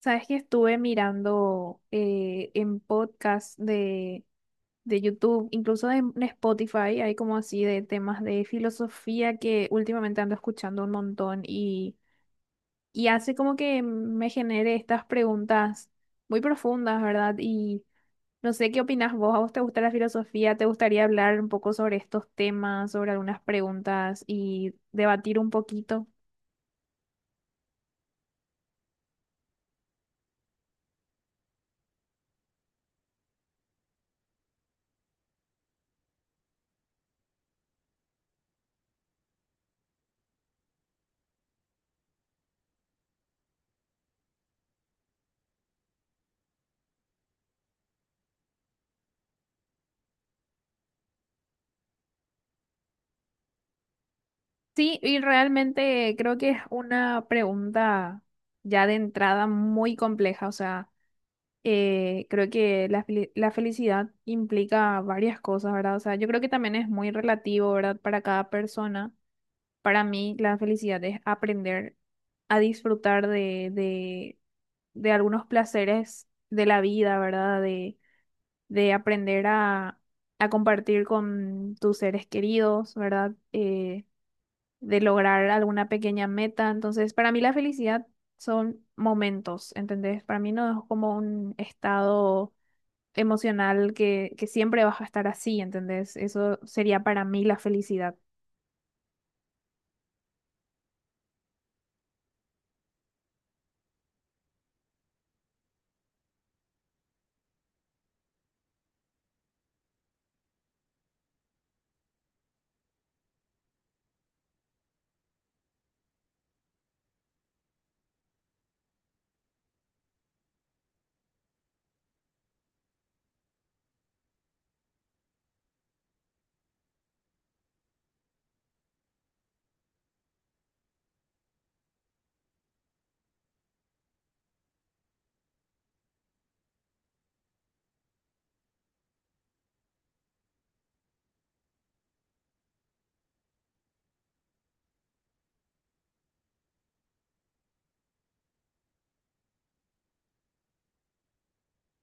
Sabes que estuve mirando en podcast de YouTube, incluso en Spotify, hay como así de temas de filosofía que últimamente ando escuchando un montón y hace como que me genere estas preguntas muy profundas, ¿verdad? Y no sé qué opinas vos, ¿a vos te gusta la filosofía? ¿Te gustaría hablar un poco sobre estos temas, sobre algunas preguntas y debatir un poquito? Sí, y realmente creo que es una pregunta ya de entrada muy compleja. O sea, creo que la felicidad implica varias cosas, ¿verdad? O sea, yo creo que también es muy relativo, ¿verdad? Para cada persona. Para mí, la felicidad es aprender a disfrutar de algunos placeres de la vida, ¿verdad? De aprender a compartir con tus seres queridos, ¿verdad? De lograr alguna pequeña meta. Entonces, para mí la felicidad son momentos, ¿entendés? Para mí no es como un estado emocional que siempre vas a estar así, ¿entendés? Eso sería para mí la felicidad.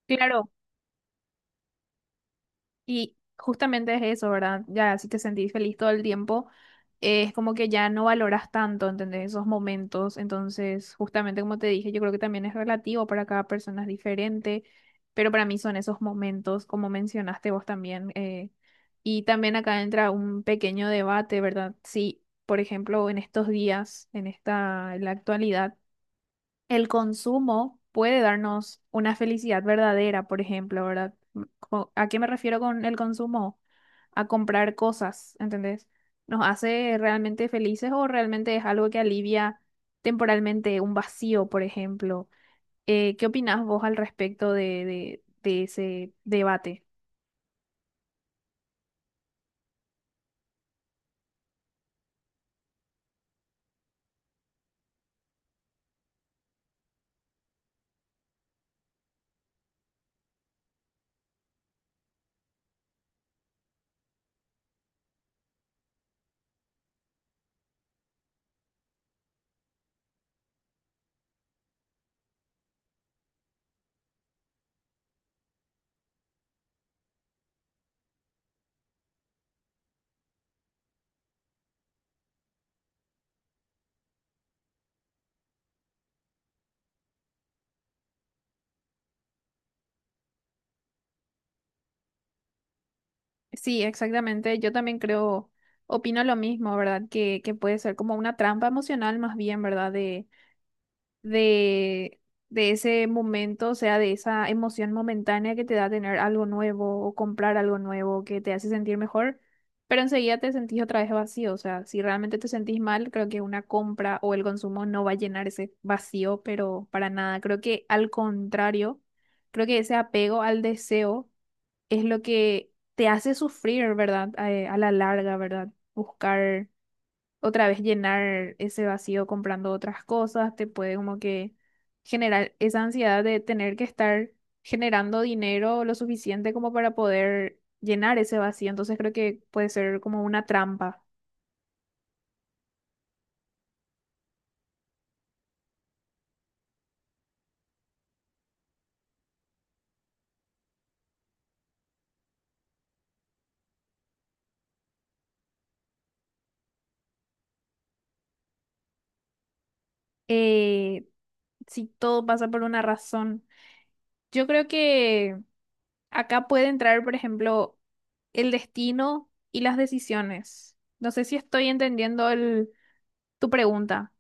Claro. Y justamente es eso, ¿verdad? Ya si te sentís feliz todo el tiempo, es como que ya no valoras tanto, ¿entendés? Esos momentos. Entonces, justamente como te dije, yo creo que también es relativo para cada persona, es diferente, pero para mí son esos momentos, como mencionaste vos también. Y también acá entra un pequeño debate, ¿verdad? Si, por ejemplo, en estos días, en la actualidad, el consumo puede darnos una felicidad verdadera, por ejemplo, ¿verdad? ¿A qué me refiero con el consumo? A comprar cosas, ¿entendés? ¿Nos hace realmente felices o realmente es algo que alivia temporalmente un vacío, por ejemplo? ¿Qué opinás vos al respecto de, de ese debate? Sí, exactamente. Yo también creo, opino lo mismo, ¿verdad? Que puede ser como una trampa emocional más bien, ¿verdad? de, de ese momento, o sea, de esa emoción momentánea que te da tener algo nuevo o comprar algo nuevo que te hace sentir mejor, pero enseguida te sentís otra vez vacío, o sea, si realmente te sentís mal, creo que una compra o el consumo no va a llenar ese vacío, pero para nada, creo que al contrario, creo que ese apego al deseo es lo que te hace sufrir, ¿verdad? A la larga, ¿verdad? Buscar otra vez llenar ese vacío comprando otras cosas, te puede como que generar esa ansiedad de tener que estar generando dinero lo suficiente como para poder llenar ese vacío. Entonces creo que puede ser como una trampa. Eh, si todo pasa por una razón. Yo creo que acá puede entrar, por ejemplo, el destino y las decisiones. No sé si estoy entendiendo tu pregunta.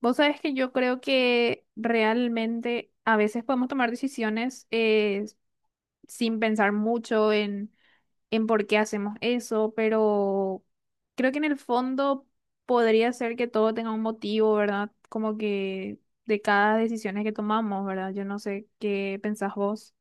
Vos sabés que yo creo que realmente a veces podemos tomar decisiones sin pensar mucho en por qué hacemos eso, pero creo que en el fondo podría ser que todo tenga un motivo, ¿verdad? Como que de cada decisión que tomamos, ¿verdad? Yo no sé qué pensás vos.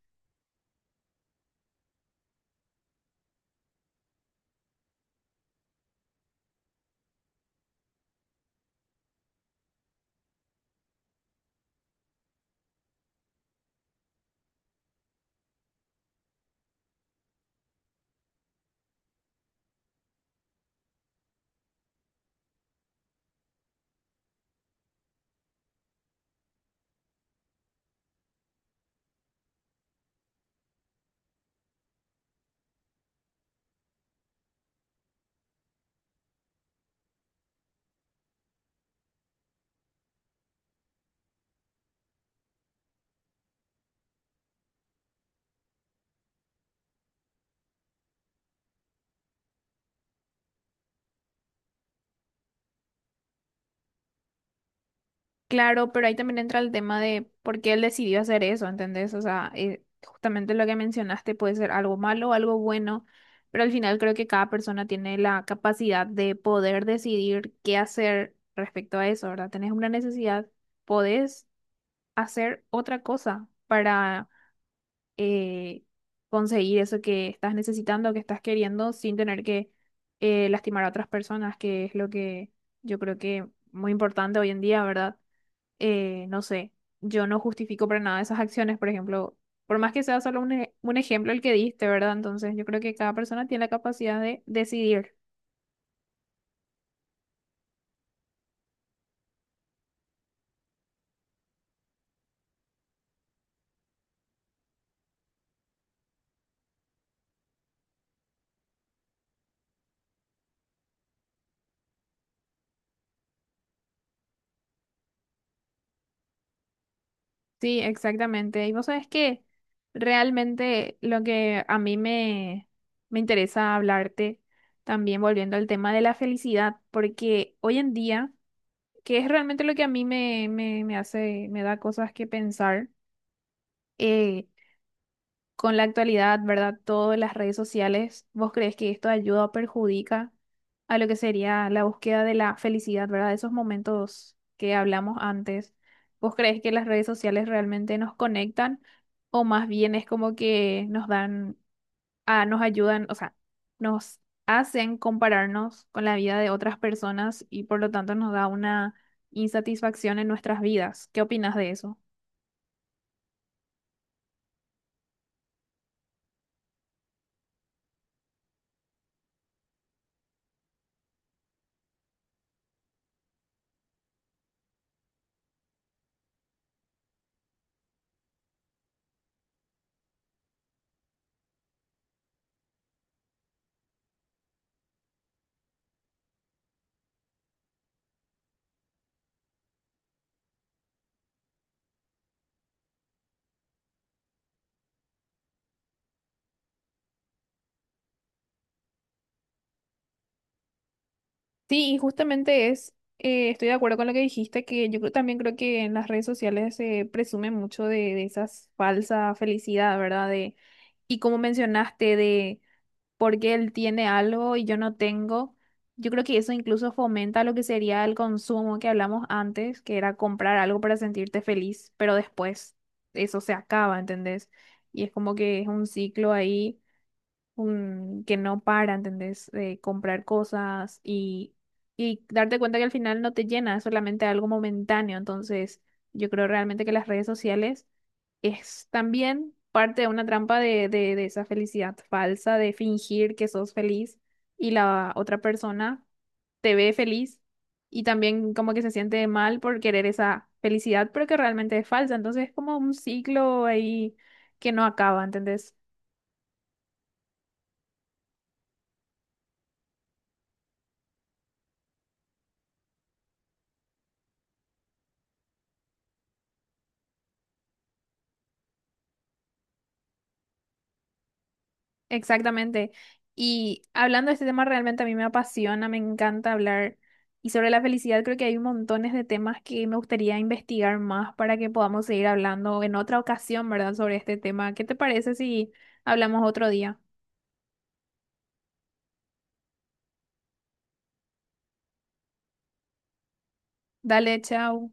Claro, pero ahí también entra el tema de por qué él decidió hacer eso, ¿entendés? O sea, justamente lo que mencionaste puede ser algo malo o algo bueno, pero al final creo que cada persona tiene la capacidad de poder decidir qué hacer respecto a eso, ¿verdad? Tenés una necesidad, podés hacer otra cosa para eh, conseguir eso que estás necesitando, que estás queriendo, sin tener que lastimar a otras personas, que es lo que yo creo que muy importante hoy en día, ¿verdad? No sé, yo no justifico para nada esas acciones, por ejemplo, por más que sea solo un ejemplo el que diste, ¿verdad? Entonces yo creo que cada persona tiene la capacidad de decidir. Sí, exactamente. Y vos sabés que realmente lo que a mí me interesa hablarte, también volviendo al tema de la felicidad, porque hoy en día, que es realmente lo que a mí me hace, me da cosas que pensar, eh, con la actualidad, ¿verdad? Todas las redes sociales, ¿vos crees que esto ayuda o perjudica a lo que sería la búsqueda de la felicidad, ¿verdad? De esos momentos que hablamos antes. ¿Vos crees que las redes sociales realmente nos conectan o más bien es como que nos nos ayudan, o sea, nos hacen compararnos con la vida de otras personas y por lo tanto nos da una insatisfacción en nuestras vidas? ¿Qué opinas de eso? Sí, y justamente estoy de acuerdo con lo que dijiste, que yo creo, también creo que en las redes sociales se presume mucho de esa falsa felicidad, ¿verdad? De, y como mencionaste, de por qué él tiene algo y yo no tengo, yo creo que eso incluso fomenta lo que sería el consumo que hablamos antes, que era comprar algo para sentirte feliz, pero después eso se acaba, ¿entendés? Y es como que es un ciclo ahí que no para, ¿entendés? De comprar cosas y darte cuenta que al final no te llena, es solamente algo momentáneo. Entonces, yo creo realmente que las redes sociales es también parte de una trampa de esa felicidad falsa, de fingir que sos feliz y la otra persona te ve feliz y también como que se siente mal por querer esa felicidad, pero que realmente es falsa. Entonces, es como un ciclo ahí que no acaba, ¿entendés? Exactamente. Y hablando de este tema, realmente a mí me apasiona, me encanta hablar. Y sobre la felicidad, creo que hay montones de temas que me gustaría investigar más para que podamos seguir hablando en otra ocasión, ¿verdad? Sobre este tema. ¿Qué te parece si hablamos otro día? Dale, chao.